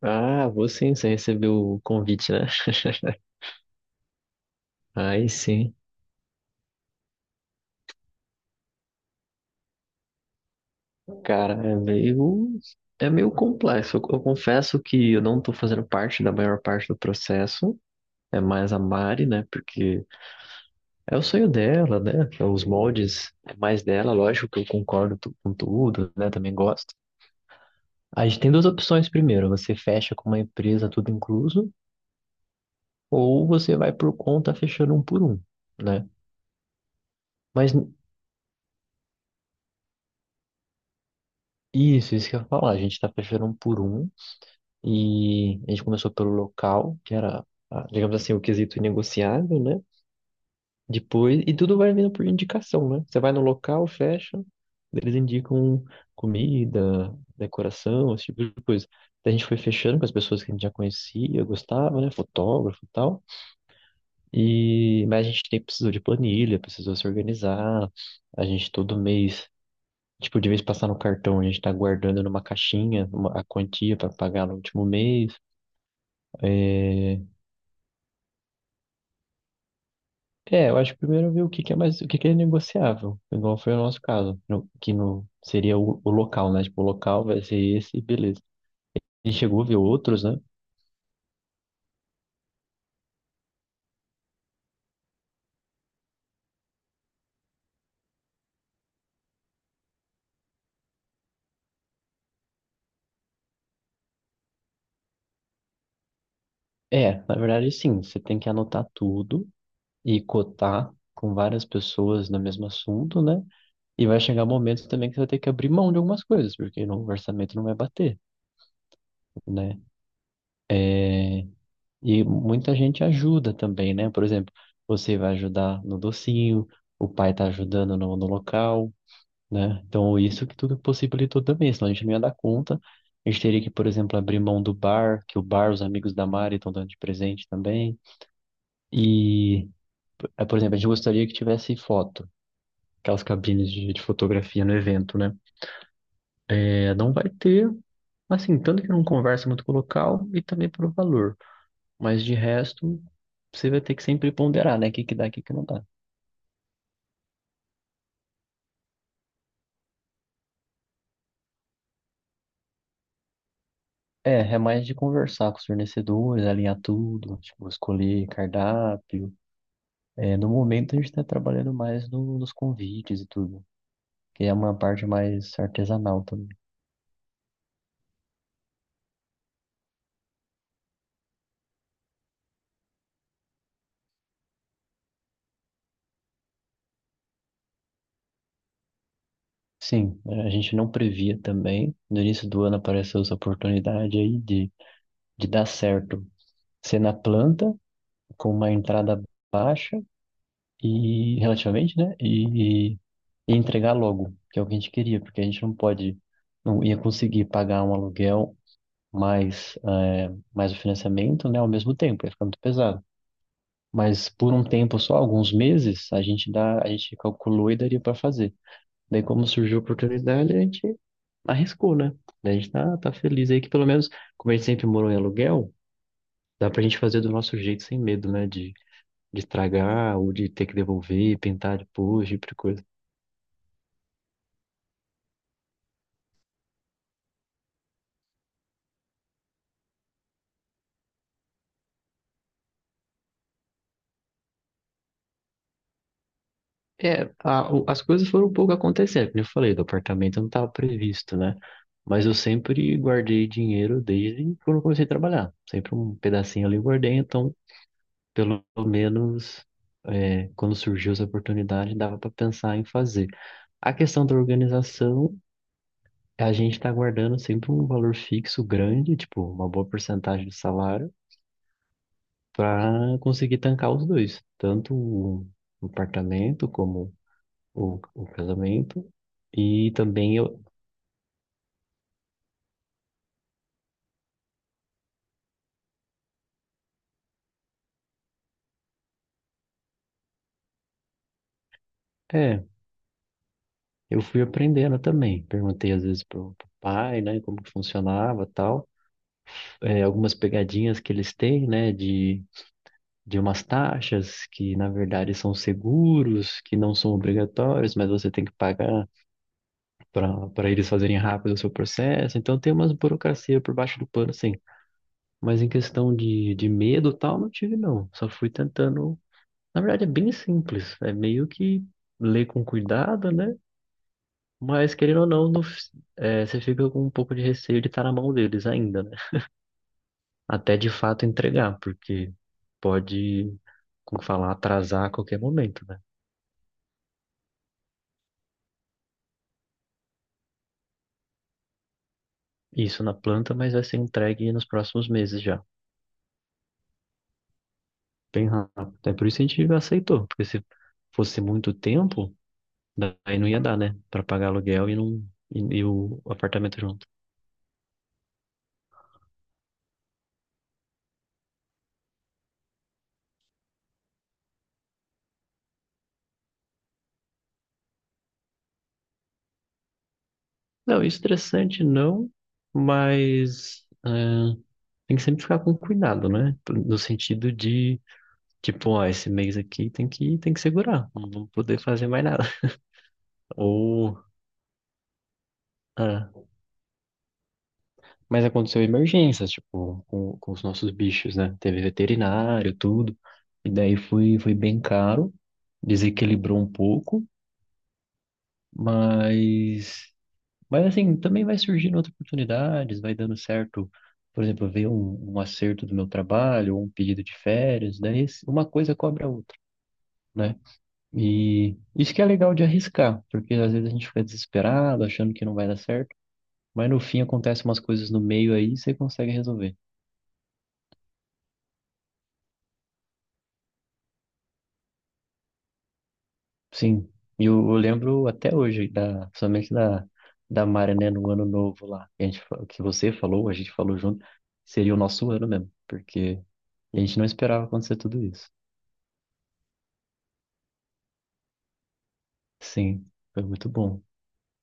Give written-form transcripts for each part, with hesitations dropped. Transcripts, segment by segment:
Ah, vou sim, você recebeu o convite, né? Aí sim. Cara, é meio complexo. Eu confesso que eu não tô fazendo parte da maior parte do processo. É mais a Mari, né? Porque é o sonho dela, né? É. Os moldes é mais dela, lógico que eu com tudo, né? Também gosto. A gente tem duas opções primeiro. Você fecha com uma empresa, tudo incluso, ou você vai por conta fechando um por um, né? Mas isso que eu ia falar. A gente tá fechando um por um. E a gente começou pelo local, que era, ah, digamos assim, o quesito inegociável, né? Depois, e tudo vai vindo por indicação, né? Você vai no local, fecha, eles indicam comida, decoração, esse tipo de coisa. Daí a gente foi fechando com as pessoas que a gente já conhecia, gostava, né? Fotógrafo e tal. E, mas a gente precisou de planilha, precisou se organizar. A gente todo mês, tipo, de vez passar no cartão, a gente tá guardando numa caixinha a quantia para pagar no último mês. É. É, eu acho que primeiro ver o que é mais, o que é negociável, igual foi o nosso caso, no- que no, seria o local, né? Tipo, o local vai ser esse, beleza. E chegou a ver outros, né? É, na verdade, sim, você tem que anotar tudo e cotar com várias pessoas no mesmo assunto, né? E vai chegar momentos também que você vai ter que abrir mão de algumas coisas, porque no orçamento não vai bater, né? E muita gente ajuda também, né? Por exemplo, você vai ajudar no docinho, o pai tá ajudando no local. Né? Então, isso que tudo possibilitou também, senão a gente não ia dar conta. A gente teria que, por exemplo, abrir mão do bar, que o bar, os amigos da Mari estão dando de presente também. E, por exemplo, a gente gostaria que tivesse foto, aquelas cabines de fotografia no evento, né? Não vai ter, assim, tanto que não conversa muito com o local e também pelo valor. Mas de resto, você vai ter que sempre ponderar, né? O que dá, o que não dá. É, é mais de conversar com os fornecedores, alinhar tudo, tipo, escolher cardápio. É, no momento a gente está trabalhando mais nos convites e tudo, que é uma parte mais artesanal também. Sim, a gente não previa também. No início do ano apareceu essa oportunidade aí de dar certo ser na planta, com uma entrada baixa e relativamente, né? E entregar logo, que é o que a gente queria, porque a gente não ia conseguir pagar um aluguel mais, mais o financiamento, né? Ao mesmo tempo, ia ficar muito pesado. Mas por um tempo só, alguns meses, a gente calculou e daria para fazer. Daí, como surgiu a oportunidade, a gente arriscou, né? Daí a gente tá feliz aí que pelo menos, como a gente sempre morou em aluguel, dá pra gente fazer do nosso jeito sem medo, né? De estragar ou de ter que devolver, pintar depois, tipo de coisa. É, as coisas foram um pouco acontecendo, como eu falei, do apartamento não estava previsto, né? Mas eu sempre guardei dinheiro desde quando eu comecei a trabalhar. Sempre um pedacinho ali eu guardei, então pelo menos é, quando surgiu essa oportunidade, dava para pensar em fazer. A questão da organização, a gente está guardando sempre um valor fixo grande, tipo, uma boa porcentagem do salário, para conseguir tancar os dois, tanto o apartamento como o casamento. E também eu, é, eu fui aprendendo também. Perguntei às vezes pro pai, né, como que funcionava, tal. É, algumas pegadinhas que eles têm, né, de umas taxas que, na verdade, são seguros, que não são obrigatórios, mas você tem que pagar para eles fazerem rápido o seu processo. Então, tem umas burocracia por baixo do pano, sim. Mas em questão de medo e tal, não tive, não. Só fui tentando. Na verdade, é bem simples. É meio que ler com cuidado, né? Mas, querendo ou não, é, você fica com um pouco de receio de estar na mão deles ainda, né? Até de fato entregar, porque pode, como falar, atrasar a qualquer momento. Né? Isso na planta, mas vai ser entregue nos próximos meses já. Bem rápido. É por isso que a gente aceitou, porque se fosse muito tempo, daí não ia dar, né? Para pagar aluguel e, não, e o apartamento junto. Não, estressante não, mas é, tem que sempre ficar com cuidado, né? No sentido de, tipo, ó, esse mês aqui tem que segurar, não vamos poder fazer mais nada. Ou. ah, Mas aconteceu emergências, tipo, com os nossos bichos, né? Teve veterinário, tudo. E daí foi, foi bem caro, desequilibrou um pouco, mas, mas assim, também vai surgindo outras oportunidades, vai dando certo. Por exemplo, veio um, um acerto do meu trabalho, ou um pedido de férias, uma coisa cobra a outra, né? E isso que é legal de arriscar, porque às vezes a gente fica desesperado, achando que não vai dar certo, mas no fim acontecem umas coisas no meio aí e você consegue resolver. Sim, e eu lembro até hoje, principalmente da Mari, né, no ano novo lá, que, que você falou, a gente falou junto, seria o nosso ano mesmo, porque a gente não esperava acontecer tudo isso. Sim, foi muito bom.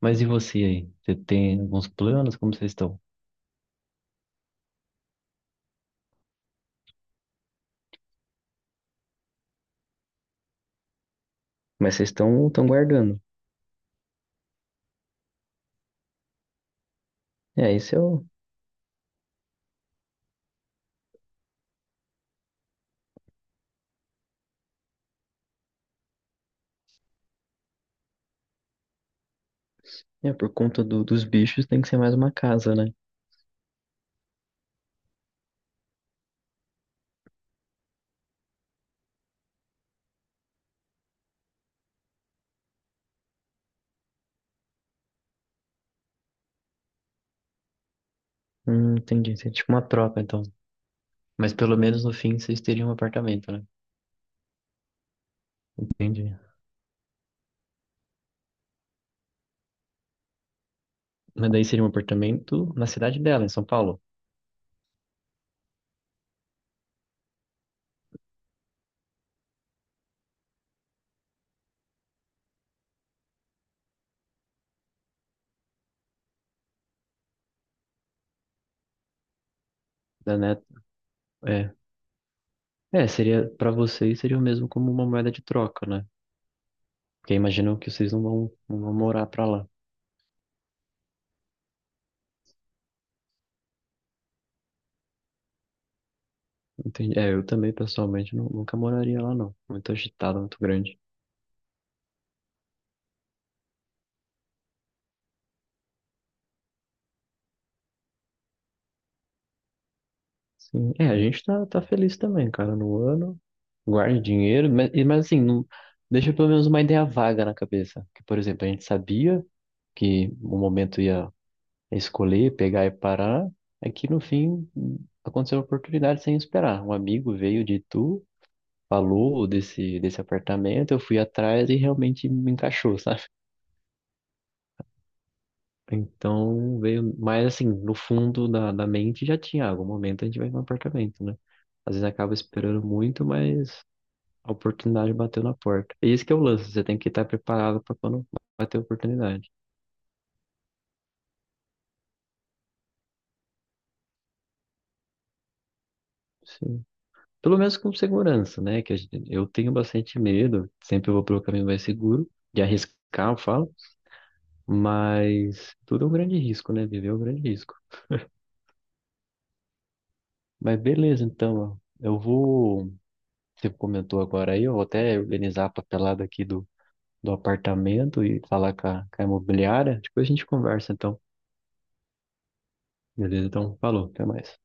Mas e você aí? Você tem alguns planos? Como vocês estão? Mas vocês estão guardando. É, isso é o. É, por conta dos bichos tem que ser mais uma casa, né? Entendi. Isso é tipo uma troca, então. Mas pelo menos no fim vocês teriam um apartamento, né? Entendi. Mas daí seria um apartamento na cidade dela, em São Paulo. Da Net... É, é, seria para vocês seria o mesmo como uma moeda de troca, né? Porque imaginam que vocês não vão morar pra lá. Entendi. É, eu também nunca moraria lá, não. Muito agitado, muito grande. Sim. É, a gente tá feliz também, cara, no ano. Guarde dinheiro, mas assim, não, deixa pelo menos uma ideia vaga na cabeça. Que, por exemplo, a gente sabia que o momento ia escolher, pegar e parar, é que no fim aconteceu uma oportunidade sem esperar. Um amigo veio de Itu, falou desse apartamento, eu fui atrás e realmente me encaixou, sabe? Então veio, mas assim, no fundo da mente já tinha, ah, algum momento a gente vai no apartamento, né? Às vezes acaba esperando muito, mas a oportunidade bateu na porta. E esse que é o lance, você tem que estar preparado para quando bater a oportunidade. Sim. Pelo menos com segurança, né? Que eu tenho bastante medo, sempre eu vou pelo caminho mais seguro, de arriscar, eu falo, mas tudo é um grande risco, né? Viver é um grande risco. Mas beleza, então, ó, eu vou. Você comentou agora aí, eu vou até organizar a papelada aqui do apartamento e falar com a imobiliária. Depois a gente conversa, então. Beleza, então, falou, até mais.